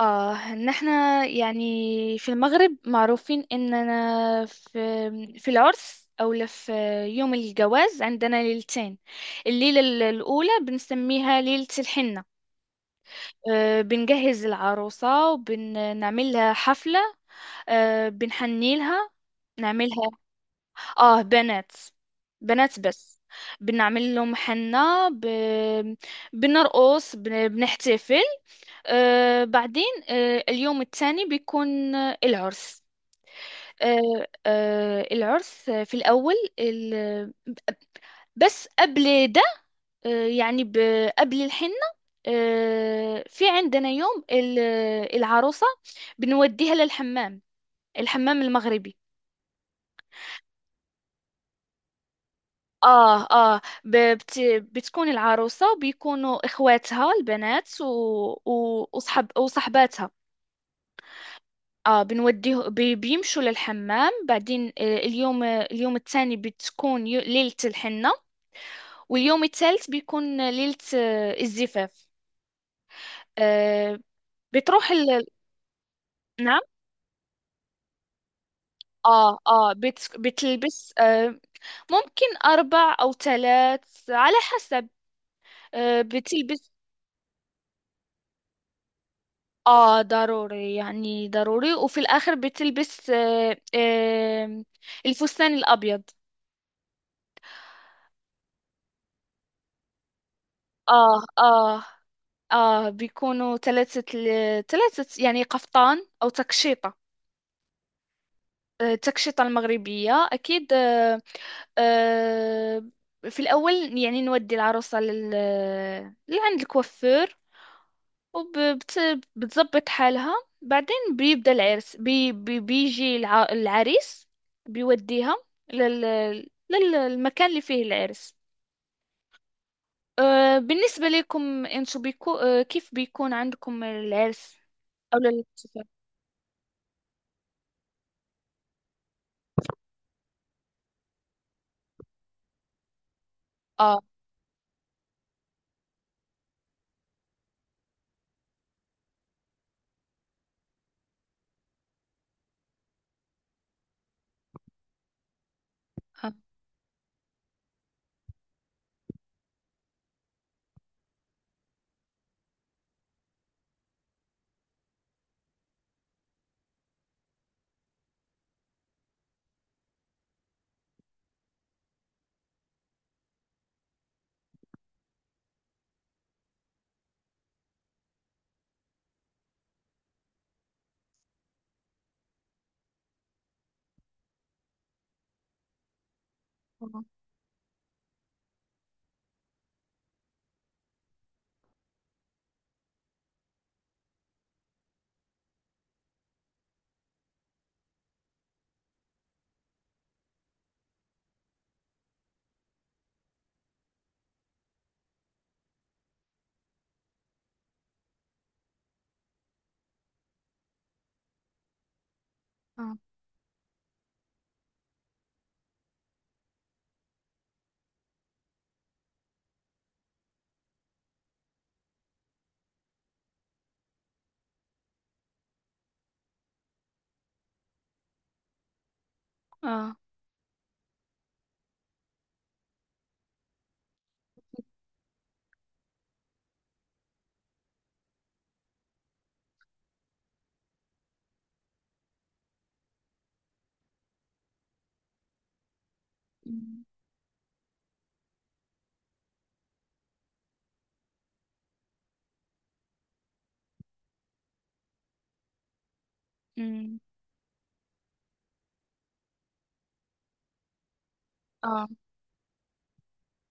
اه ان احنا يعني في المغرب معروفين اننا في العرس او لا في يوم الجواز، عندنا ليلتين. الليلة الاولى بنسميها ليلة الحنة. بنجهز العروسة وبنعمل لها حفلة. بنحني لها نعملها. اه، بنات. بنات بس. بنعمل لهم حنة بنرقص بنحتفل. بعدين، اليوم الثاني بيكون العرس. العرس، بس قبل ده، يعني قبل الحنة. في عندنا يوم العروسة، بنوديها للحمام، الحمام المغربي. اه، اه، ب- بت بتكون العروسة وبيكونوا اخواتها البنات و... و... وصحب وصحباتها. اه، بنوديه بيمشوا للحمام. بعدين اليوم الثاني بتكون ليلة الحنة، واليوم الثالث بيكون ليلة الزفاف. آه، بتروح نعم. اه، اه، بتلبس، ممكن أربع أو ثلاث على حسب. بتلبس. اه، ضروري يعني ضروري، وفي الآخر بتلبس الفستان الأبيض. اه، اه، اه، بيكونوا ثلاثة. ثلاثة يعني قفطان او تكشيطة. التكشيطة المغربية أكيد. آه، في الأول يعني نودي العروسة لعند الكوافير، وبتظبط حالها. بعدين بيبدأ العرس بيجي العريس، بيوديها لل... للمكان اللي فيه العرس. بالنسبة لكم انتو بيكو... آه، كيف بيكون عندكم العرس؟ أولى للارتفاع. اه، اه، اه، اه، آه. أمم، أمم، اه،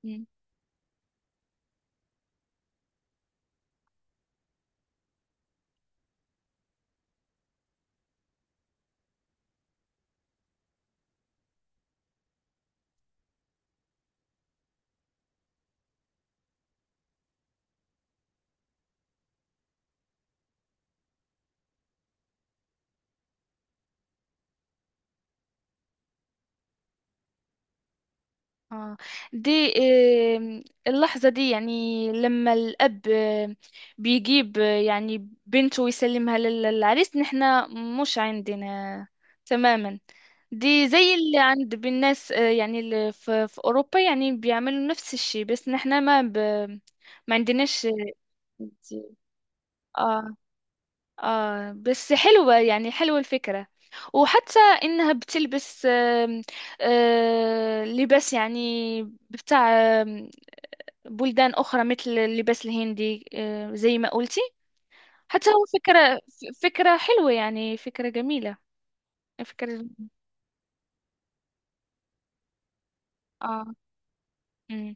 أمم، اه، دي. اللحظة دي يعني لما الأب بيجيب، يعني بنته ويسلمها للعريس. نحنا مش عندنا تماما. دي زي اللي عند بالناس، يعني اللي في أوروبا، يعني بيعملوا نفس الشيء، بس نحنا ما عندناش. آه، بس حلوة يعني، حلوة الفكرة. وحتى إنها بتلبس، لباس يعني بتاع آم، بلدان أخرى، مثل اللباس الهندي، زي ما قلتي. حتى هو فكرة فكرة حلوة يعني، فكرة جميلة فكرة. آه أمم،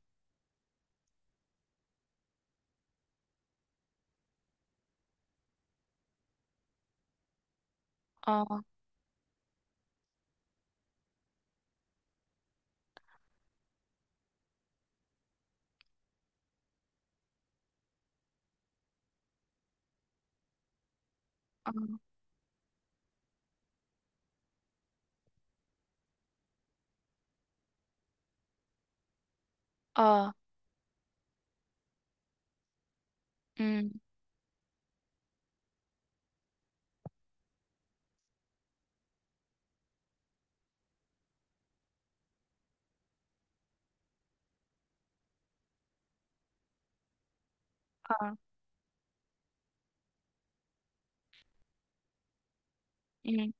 آه، آه، آه، أمم، آه، أمم،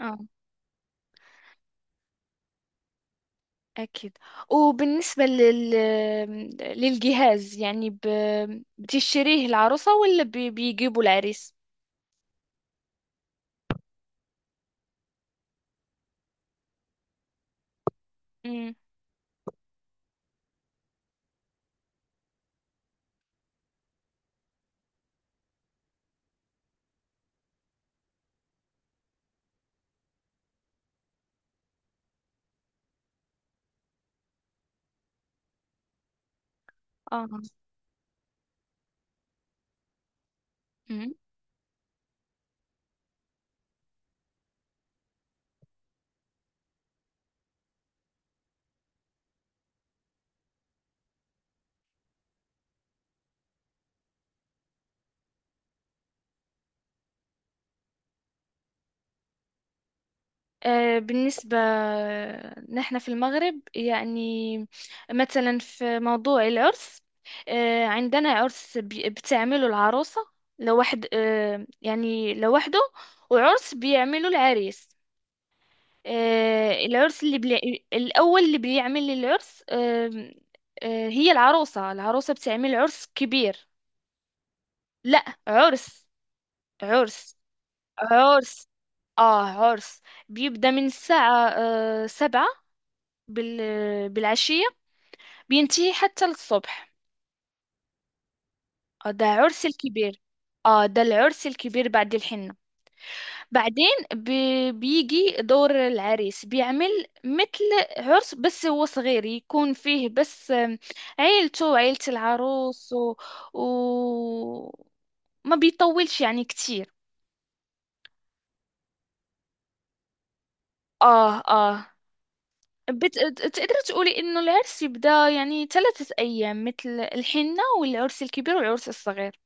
آه، أكيد. وبالنسبة للجهاز، يعني بتشتريه العروسة ولا بيجيبوا العريس؟ امم، آه، امم. بالنسبة نحن في المغرب، يعني مثلا في موضوع العرس، عندنا عرس بتعمله العروسة لوحد، يعني لوحده، وعرس بيعمله العريس. العرس اللي الأول اللي بيعمل العرس، هي العروسة بتعمل عرس كبير. لا، عرس، عرس، عرس، اه عرس. بيبدأ من الساعة 7 بال... بالعشية، بينتهي حتى للصبح. ده عرس الكبير. اه، ده العرس الكبير بعد الحنة. بعدين بيجي دور العريس، بيعمل مثل عرس بس هو صغير، يكون فيه بس عيلته وعيلة العروس و... ما بيطولش يعني كتير. اه، اه، بت... تقدر تقولي انه العرس يبدأ يعني 3 ايام، مثل الحنة والعرس الكبير والعرس الصغير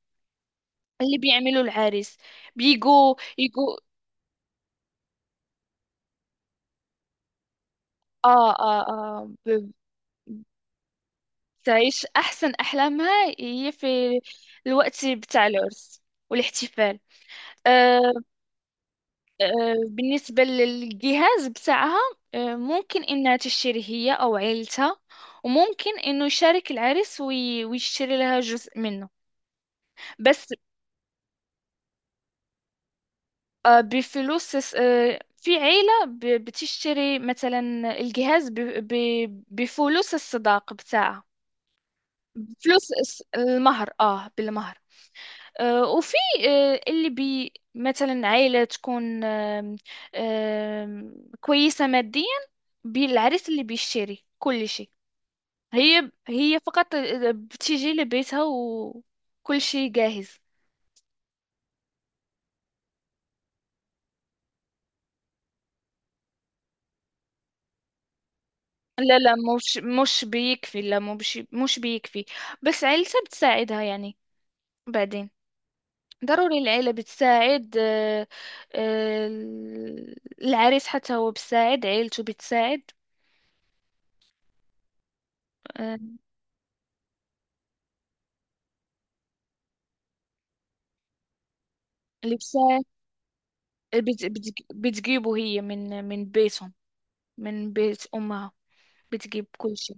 اللي بيعملوا العريس. بيجوا يجوا. اه، اه، اه، تعيش أحسن أحلامها هي في الوقت بتاع العرس والاحتفال. أه. أه، بالنسبة للجهاز بتاعها، أه ممكن إنها تشتري هي أو عيلتها، وممكن إنه يشارك العريس ويشتري لها جزء منه بس. أه، بفلوس. أه، في عيلة بتشتري مثلا الجهاز بفلوس الصداقة بتاعها، فلوس المهر، اه بالمهر. وفي اللي بي مثلا عائلة تكون آم، آم، كويسة ماديا، بالعريس اللي بيشتري كل شيء، هي فقط بتيجي لبيتها وكل شيء جاهز. لا، لا، مش بيكفي، لا، مش بيكفي، بس عيلتها بتساعدها يعني. بعدين ضروري العيلة بتساعد. آه، العريس حتى هو بتساعد عيلته، بتساعد. آه، اللي بتساعد، بتجيبه هي من بيتهم، من بيت أمها، بتجيب كل شيء.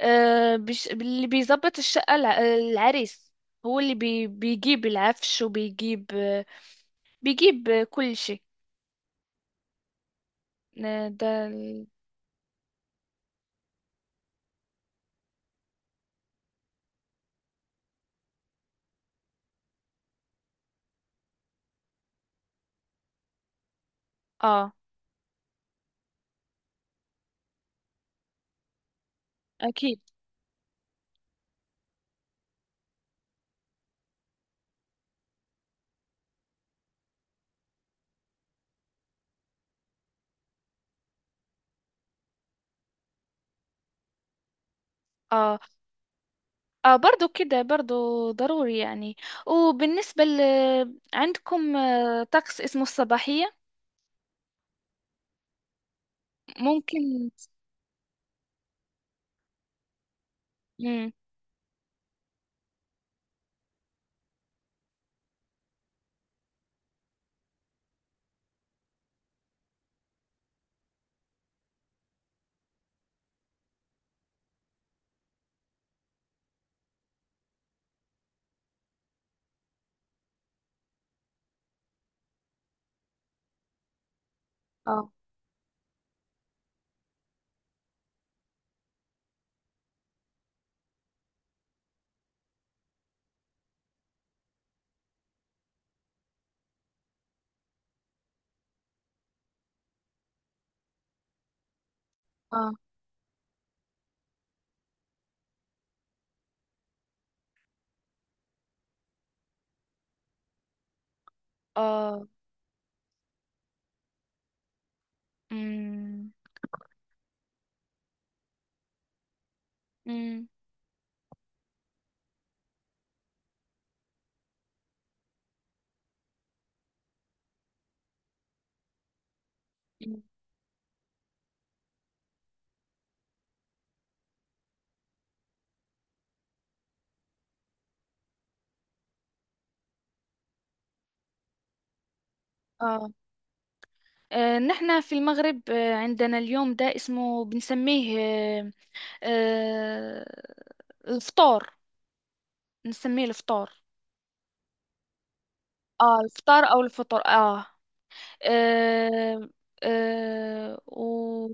أه، اللي بيظبط الشقة العريس، هو اللي بيجيب العفش وبيجيب، آه، بيجيب آه، كل شيء. آه، ده ال- اه، اكيد. اه، اه، برضو كده، برضو ضروري يعني. وبالنسبة عندكم طقس اسمه الصباحية؟ ممكن. مم. اه، اه، اه. مم. مم. اه. نحنا في المغرب، عندنا اليوم ده اسمه، بنسميه آه، الفطار، بنسميه الفطار. اه، الفطار او الفطر، اه، آه. آه و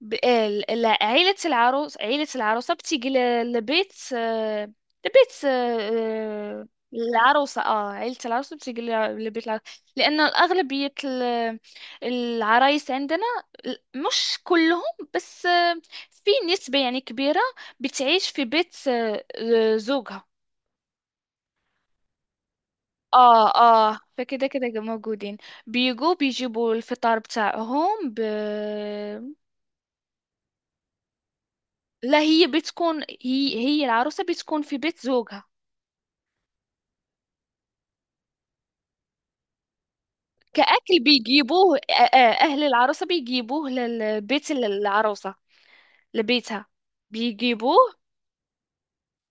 عيلة العروسة بتيجي لبيت، لبيت آه، آه، العروسة. اه، عيلة العروسة بتيجي لبيت العروسة، لأن أغلبية العرايس عندنا، مش كلهم، بس في نسبة يعني كبيرة بتعيش في بيت زوجها. اه، اه، فكده كده موجودين. بيجوا بيجيبوا الفطار بتاعهم لا، هي بتكون، هي العروسة بتكون في بيت زوجها. كأكل بيجيبوه، أهل العروسة بيجيبوه للبيت العروسة، لبيتها بيجيبوه.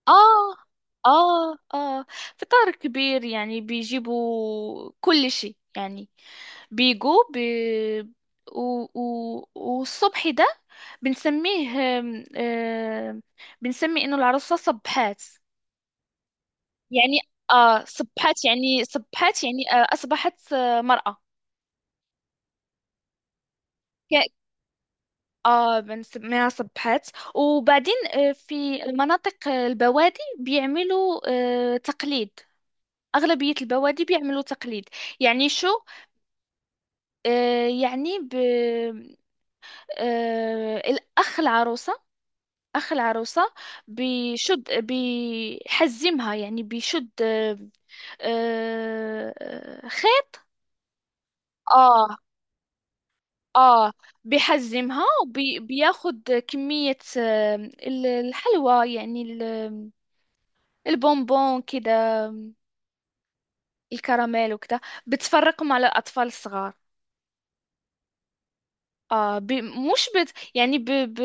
آه آه آه فطار كبير يعني، بيجيبوا كل شيء يعني. بيجوا و... والصبح ده بنسميه آم، آم، بنسمي إنه العروسة صبحات، يعني صبحت يعني، صبحت يعني أصبحت مرأة. ك- بنسميها صبحت. وبعدين في مناطق البوادي بيعملوا تقليد، أغلبية البوادي بيعملوا تقليد، يعني شو؟ آه يعني ب آه الأخ العروسة، أخ العروسة بيشد، بيحزمها يعني، بيشد، خيط. اه، اه، بيحجمها وبياخد كمية، الحلوى، يعني البونبون كده، آم، الكراميل وكده، بتفرقهم على الأطفال الصغار. اه، ب... مش بت... يعني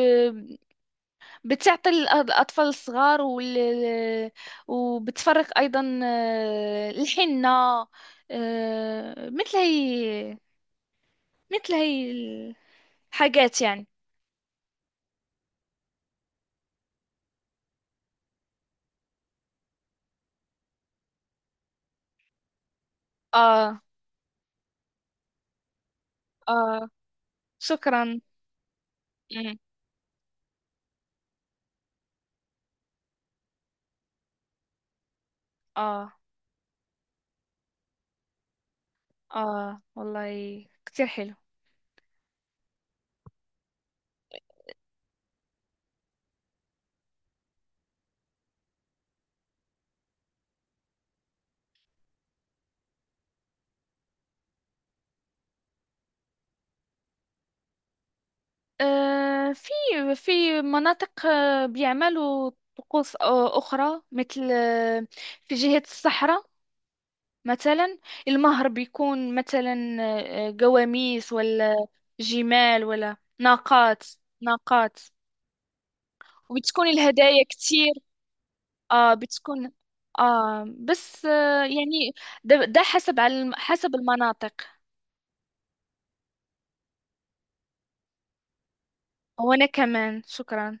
بتعطي الأطفال الصغار وبتفرق أيضا الحنة، مثل هي، مثل هي الحاجات يعني. اه، اه، شكرا. مم. اه، اه، والله كتير حلو. آه في في مناطق بيعملوا طقوس أخرى، مثل آه، في جهة الصحراء مثلا المهر بيكون مثلا قواميس، ولا جمال، ولا ناقات. ناقات، وبتكون الهدايا كتير. اه، بتكون. اه، بس يعني، ده حسب على حسب المناطق. وأنا كمان، شكرا.